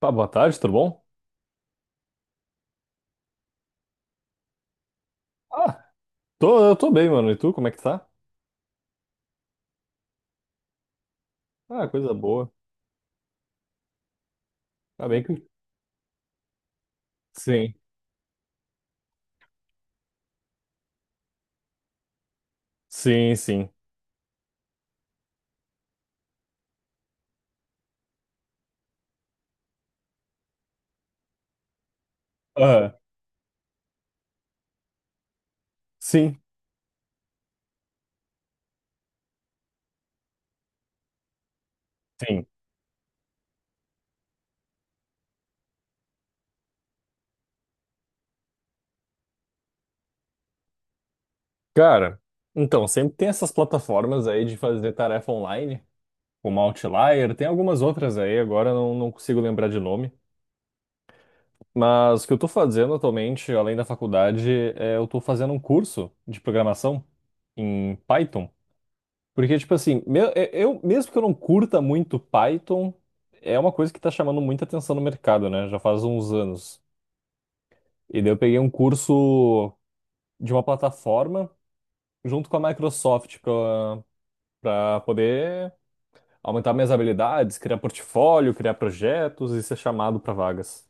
Pá, boa tarde, tudo bom? Ah, eu tô bem, mano. E tu, como é que tá? Ah, coisa boa. Tá bem que... Sim, sim, sim. Ah, sim, sim. Cara, então, sempre tem essas plataformas aí de fazer tarefa online, como Outlier, tem algumas outras aí, agora eu não consigo lembrar de nome. Mas o que eu tô fazendo atualmente, além da faculdade, é eu tô fazendo um curso de programação em Python. Porque, tipo assim, meu, mesmo que eu não curta muito Python, é uma coisa que tá chamando muita atenção no mercado, né? Já faz uns anos. E daí eu peguei um curso de uma plataforma junto com a Microsoft pra poder aumentar minhas habilidades, criar portfólio, criar projetos e ser chamado pra vagas.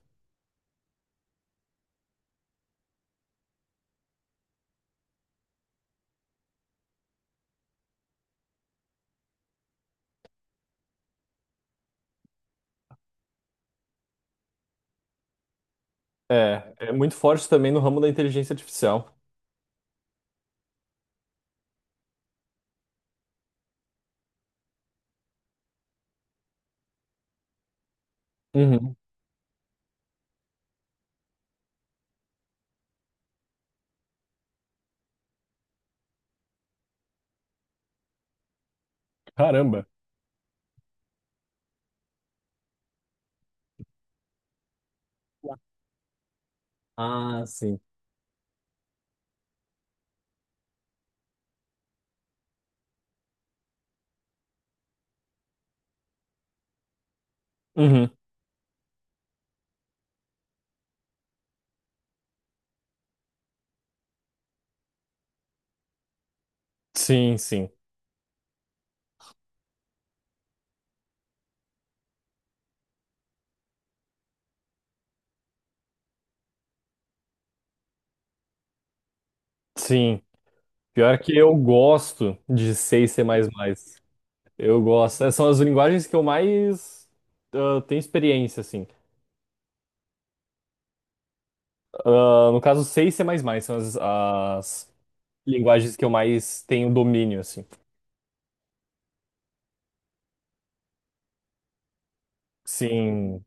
É, é muito forte também no ramo da inteligência artificial. Uhum. Caramba. Ah, sim. Uhum. Sim, sim. Sim. Pior que eu gosto de C e C++. Eu gosto. Essas são as linguagens que eu mais tenho experiência, assim. Ah, no caso, C e C++ são as linguagens que eu mais tenho domínio, assim. Sim.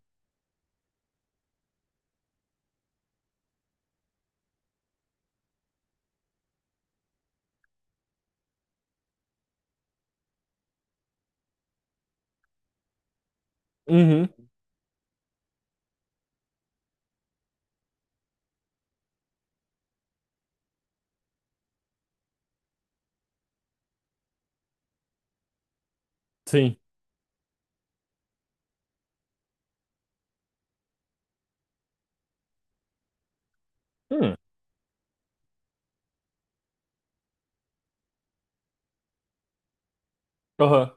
Uhum. Sim. Hum. Aham.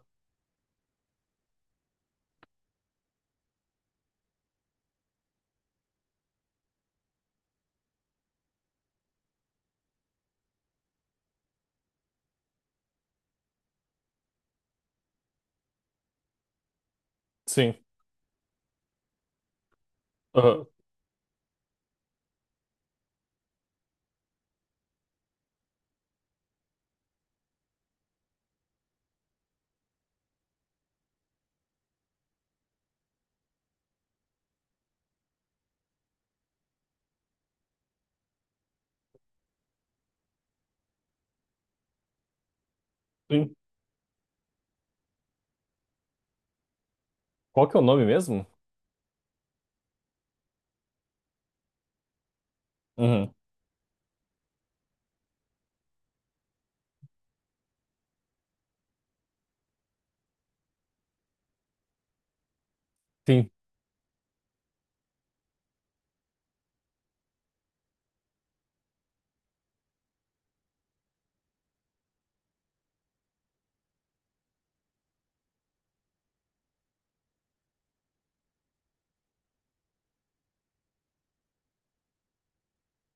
Sim. Aham. Sim. Qual que é o nome mesmo? Uhum. Sim.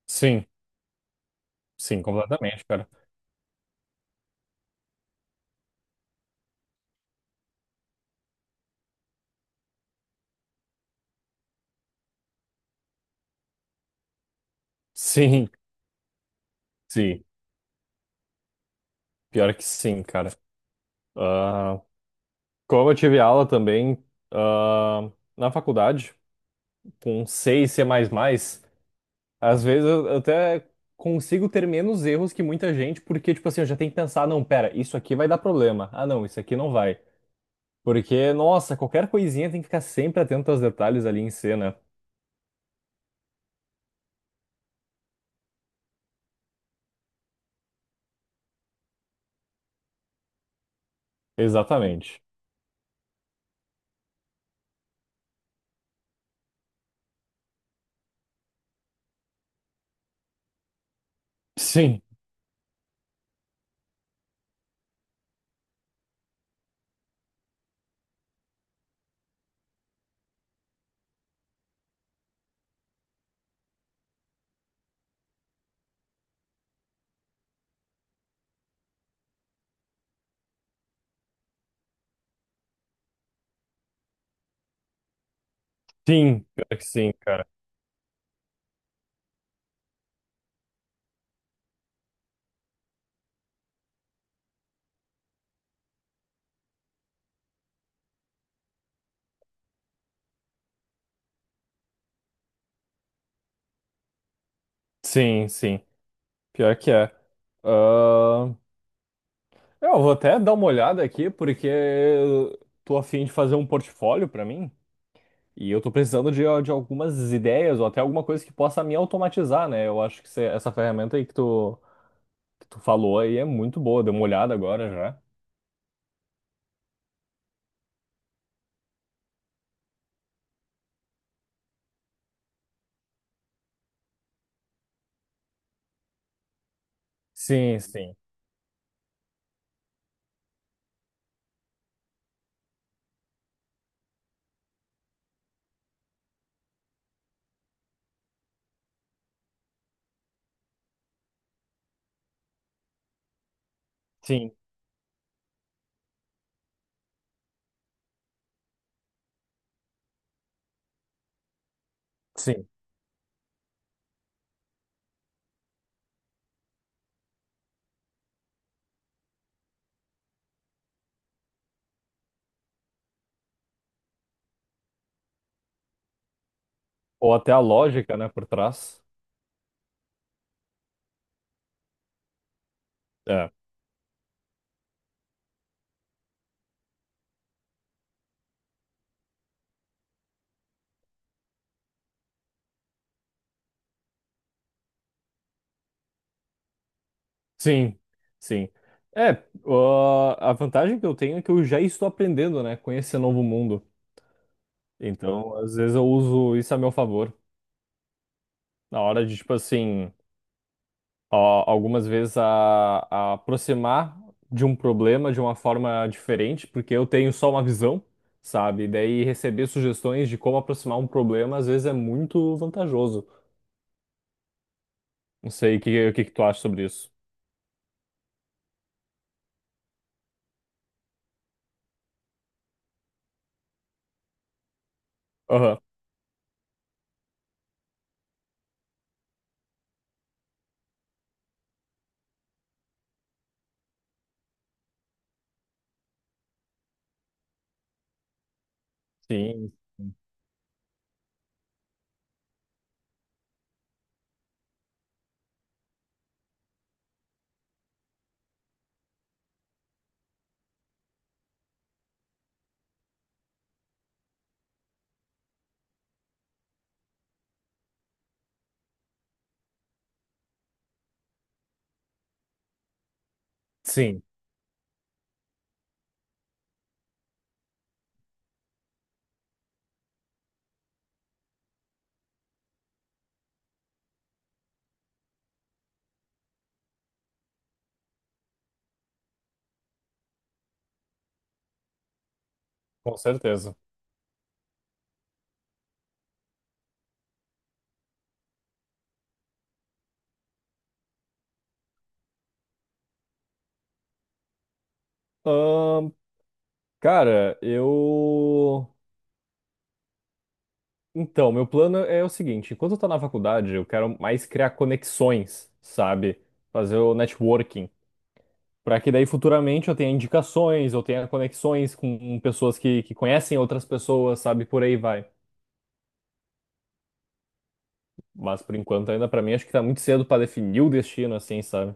Sim. Sim, completamente, cara. Sim. Sim. Pior que sim, cara. Ah, como eu tive aula também ah, na faculdade, com C e C++, às vezes eu até consigo ter menos erros que muita gente, porque, tipo assim, eu já tenho que pensar, não, pera, isso aqui vai dar problema. Ah, não, isso aqui não vai. Porque, nossa, qualquer coisinha tem que ficar sempre atento aos detalhes ali em C, né? Exatamente. Sim, sim, pior que sim, cara. Sim, sim, pior que é. Ahn, Eu vou até dar uma olhada aqui, porque eu tô a fim de fazer um portfólio pra mim. E eu tô precisando de algumas ideias ou até alguma coisa que possa me automatizar, né? Eu acho que essa ferramenta aí que tu falou aí é muito boa. Dei uma olhada agora já. Sim, sim, sim, sim. Ou até a lógica, né, por trás. É. Sim, sim. É, ó, a vantagem que eu tenho é que eu já estou aprendendo, né, com esse novo mundo. Então, às vezes eu uso isso a meu favor. Na hora de, tipo assim. Ó, algumas vezes a aproximar de um problema de uma forma diferente, porque eu tenho só uma visão, sabe? E daí receber sugestões de como aproximar um problema às vezes é muito vantajoso. Não sei o que que tu acha sobre isso. Aham. Sim, sim, com certeza. Ahn, cara, eu. Então, meu plano é o seguinte: enquanto eu tô na faculdade, eu quero mais criar conexões, sabe? Fazer o networking. Para que daí futuramente eu tenha indicações, eu tenha conexões com pessoas que conhecem outras pessoas, sabe? Por aí vai. Mas por enquanto ainda para mim acho que tá muito cedo para definir o destino assim, sabe?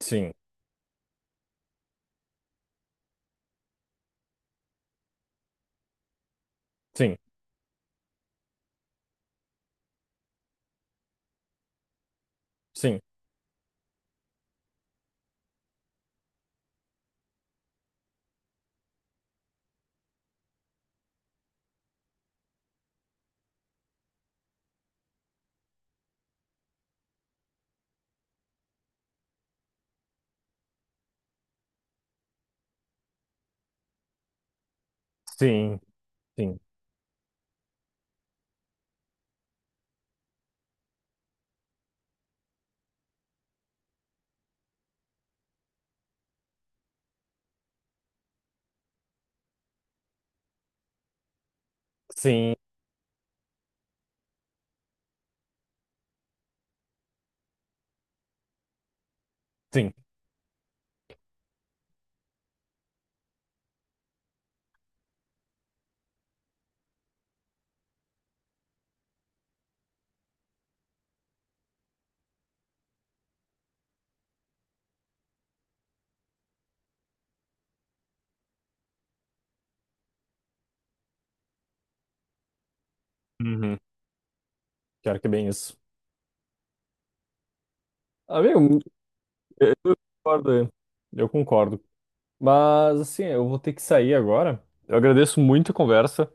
Sim, sim, sim, sim, sim, sim, sim. Uhum. Quero que é bem isso. Amigo, eu concordo. Eu concordo. Mas assim, eu vou ter que sair agora. Eu agradeço muito a conversa.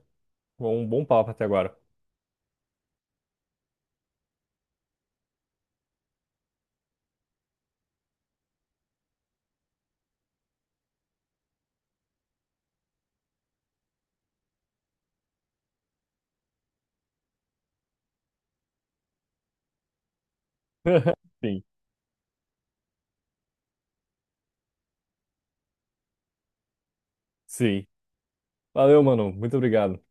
Foi um bom papo até agora. Sim, sim. Valeu, mano. Muito obrigado.